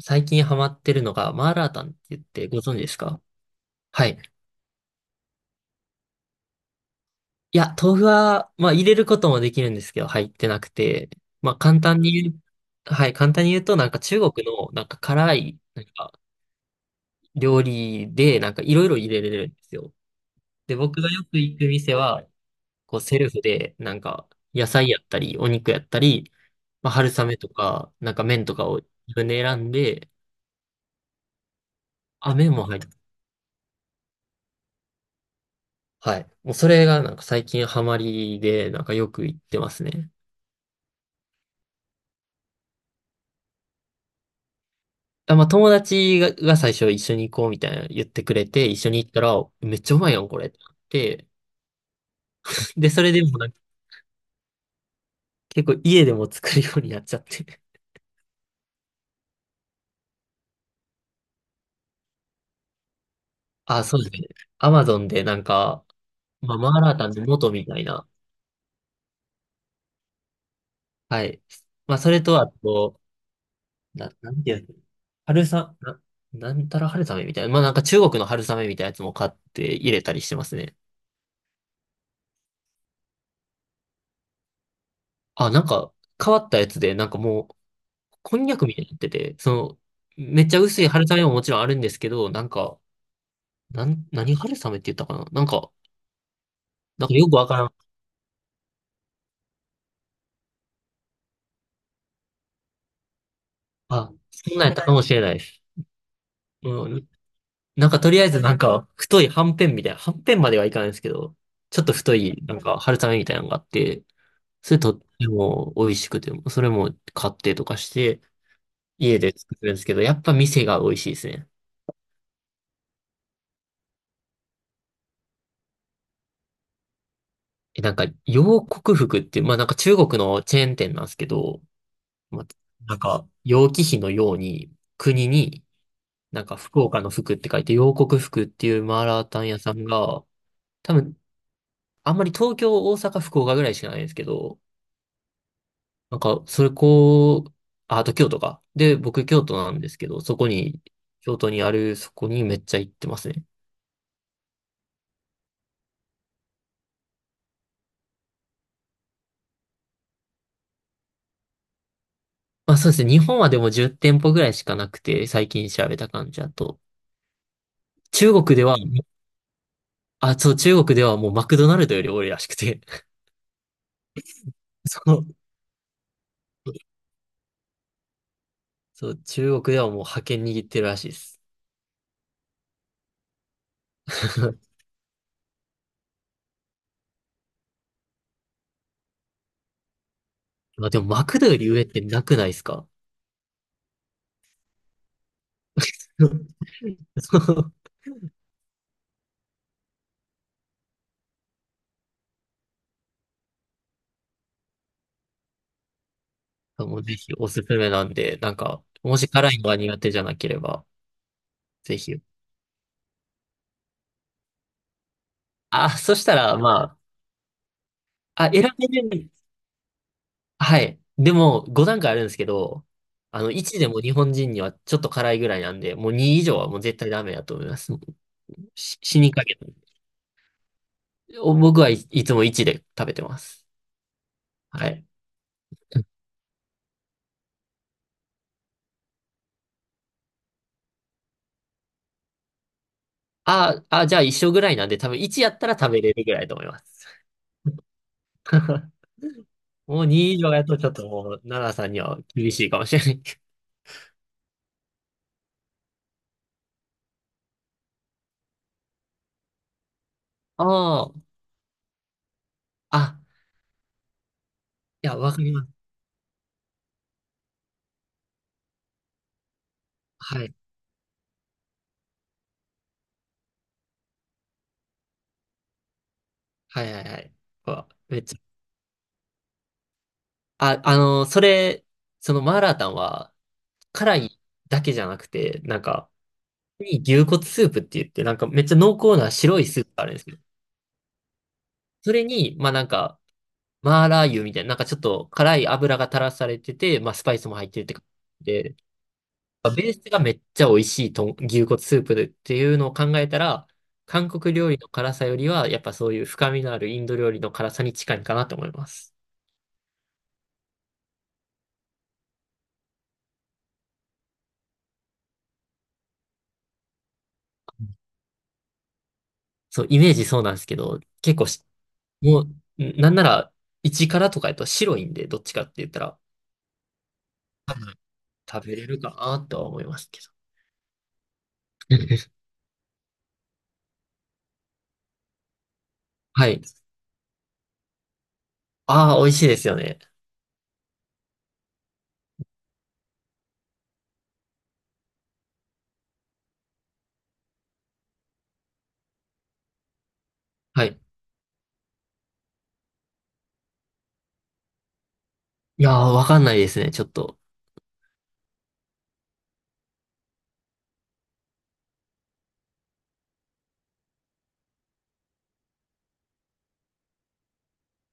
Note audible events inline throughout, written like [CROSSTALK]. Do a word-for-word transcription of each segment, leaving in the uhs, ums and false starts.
最近ハマってるのが、マーラータンって言ってご存知ですか？はい。いや、豆腐は、まあ入れることもできるんですけど、入ってなくて、まあ簡単に言う、はい、簡単に言うと、なんか中国の、なんか辛い、なんか料理で、なんかいろいろ入れれるんですよ。で、僕がよく行く店は、こうセルフで、なんか野菜やったり、お肉やったり、まあ春雨とか、なんか麺とかを自分で選んで、あ、麺も入って、はい。もうそれがなんか最近ハマりで、なんかよく行ってますね。あ、まあ、友達が、が最初一緒に行こうみたいな言ってくれて、一緒に行ったら、めっちゃうまいやん、これってなって。で、それでもなんか結構家でも作るようになっちゃって。あ、そうですね。アマゾンでなんか、まあ、マーラータンの元みたいな。はい。まあ、それとあと、な、なんていうの？春さ、な、なんたら春雨みたいな。まあ、なんか中国の春雨みたいなやつも買って入れたりしてますね。あ、なんか変わったやつで、なんかもう、こんにゃくみたいになってて、その、めっちゃ薄い春雨ももちろんあるんですけど、なんか、なん、何春雨って言ったかな、なんか、なんかよくわからん。あ、そんなんやったかもしれないです。うん。なんかとりあえずなんか、太いはんぺんみたいな、はんぺんまではいかないですけど、ちょっと太い、なんか春雨みたいなのがあって、それとっても美味しくて、それも買ってとかして、家で作るんですけど、やっぱ店が美味しいですね。えなんか、洋国服って、まあなんか中国のチェーン店なんですけど、まなんか、楊貴妃のように、国に、なんか福岡の福って書いて、楊国福っていうマーラータン屋さんが、多分、あんまり東京、大阪、福岡ぐらいしかないんですけど、なんか、それこう、あ、あと京都か。で、僕京都なんですけど、そこに、京都にある、そこにめっちゃ行ってますね。まあそうですね。日本はでもじゅってんぽ店舗ぐらいしかなくて、最近調べた感じだと。中国では、あ、そう、中国ではもうマクドナルドより多いらしくて、[LAUGHS] その、そう、中国ではもう覇権握ってるらしいです。[LAUGHS] まあでも、マクドより上ってなくないですか？ [LAUGHS] そう。もうぜひおすすめなんで、なんか、もし辛いのが苦手じゃなければ、ぜひ。あ、そしたら、まあ、あ、選べる。はい。でも、ごだんかい段階あるんですけど、あの、いちでも日本人にはちょっと辛いぐらいなんで、もうに以上はもう絶対ダメだと思います。もうし死にかけた。お僕はい、いつもいちで食べてます。はい。ああ、じゃあ一緒ぐらいなんで、多分いちやったら食べれるぐらいだと思います。[LAUGHS] もうに以上やとちょっともう、奈良さんには厳しいかもしれない。[LAUGHS] ああ、あ、いや、わかります。はい。はいはいはい。うわめっちゃ。あ、あのーそれ、そのマーラータンは、辛いだけじゃなくて、なんか、いい牛骨スープって言って、なんかめっちゃ濃厚な白いスープがあるんですけど、それに、まあなんか、マーラー油みたいな、なんかちょっと辛い油が垂らされてて、まあスパイスも入ってるって感じで、ベースがめっちゃ美味しいと牛骨スープでっていうのを考えたら、韓国料理の辛さよりは、やっぱそういう深みのあるインド料理の辛さに近いかなと思います。そう、イメージそうなんですけど、結構し、もう、んなんなら、一辛とかやと白いんで、どっちかって言ったら、食べれるかなとは思いますけど。[LAUGHS] はい。ああ、美味しいですよね。はい。いやー、わかんないですね、ちょっと。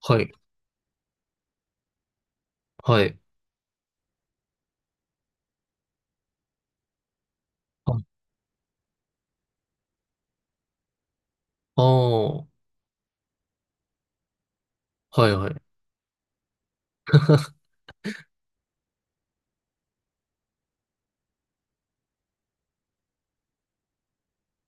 はい。はい。ああー、はいはい。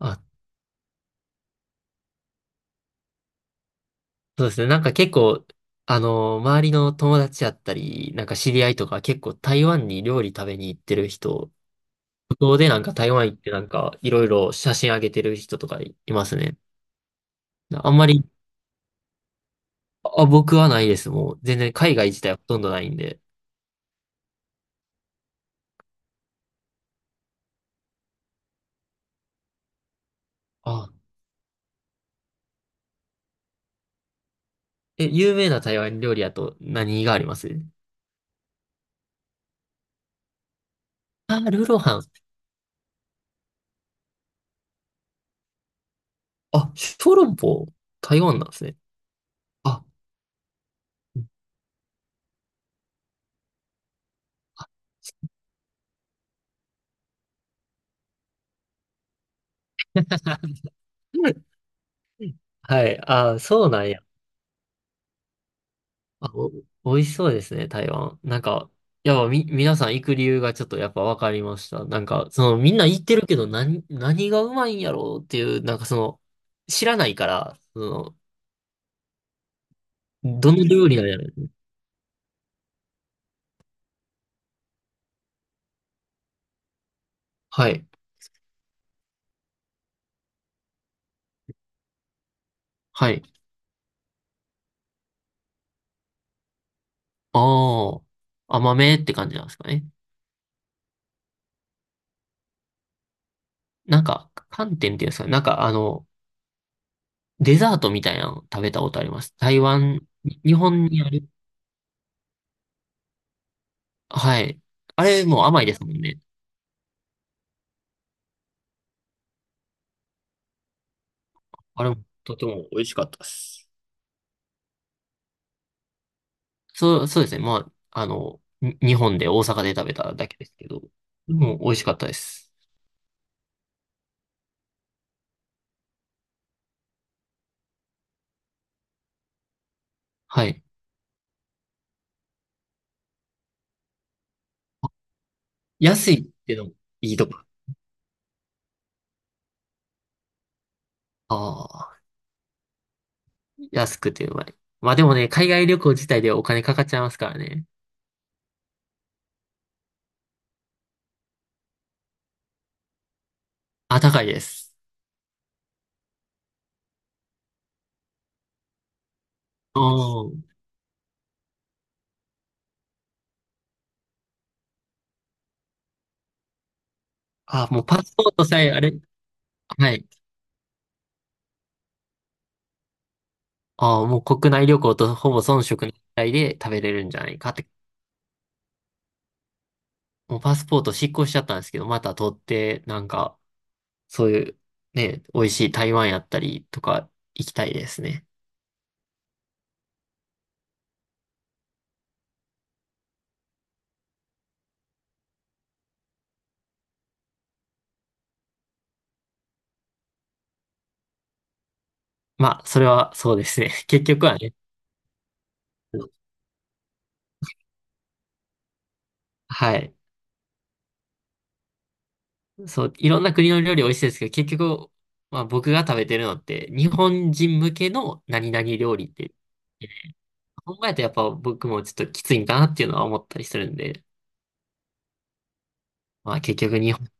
あ、そうですね。なんか結構、あの、周りの友達やったり、なんか知り合いとか結構台湾に料理食べに行ってる人、向こうでなんか台湾行ってなんかいろいろ写真上げてる人とかいますね。あんまり、あ、僕はないです。もう全然海外自体はほとんどないんで。あ、え、有名な台湾料理やと何があります？あ、ルーローハン。あ、小籠包、台湾なんですね。あ、[LAUGHS] はい。あ、そうなんや。あ、お、美味しそうですね、台湾。なんか、やっぱみ、皆さん行く理由がちょっとやっぱ分かりました。なんか、そのみんな行ってるけど何、何がうまいんやろうっていう、なんかその、知らないから、その、どの料理なんやろう。はい。はい。ああ、甘めって感じなんですかね。なんか、寒天っていうんですかね。なんかあの、デザートみたいなの食べたことあります。台湾、日本にある。はい。あれもう甘いですもんね。あれもとても美味しかったです。そう、そうですね。まあ、あの、に日本で大阪で食べただけですけど、でも美味しかったです。はい。安いっていうのもいいとこ。ああ、安くてうまい。まあでもね、海外旅行自体でお金かかっちゃいますからね。あ、高いです。うん。あ、もうパスポートさえあれ、はい。ああ、もう国内旅行とほぼ遜色ないぐらいで食べれるんじゃないかって。もうパスポート失効しちゃったんですけど、また取って、なんか、そういう、ね、美味しい台湾やったりとか行きたいですね。まあ、それはそうですね。[LAUGHS] 結局はね、はい。そう、いろんな国の料理美味しいですけど、結局、まあ僕が食べてるのって、日本人向けの何々料理って、考えるとやっぱ僕もちょっときついんかなっていうのは思ったりするんで、まあ結局日本。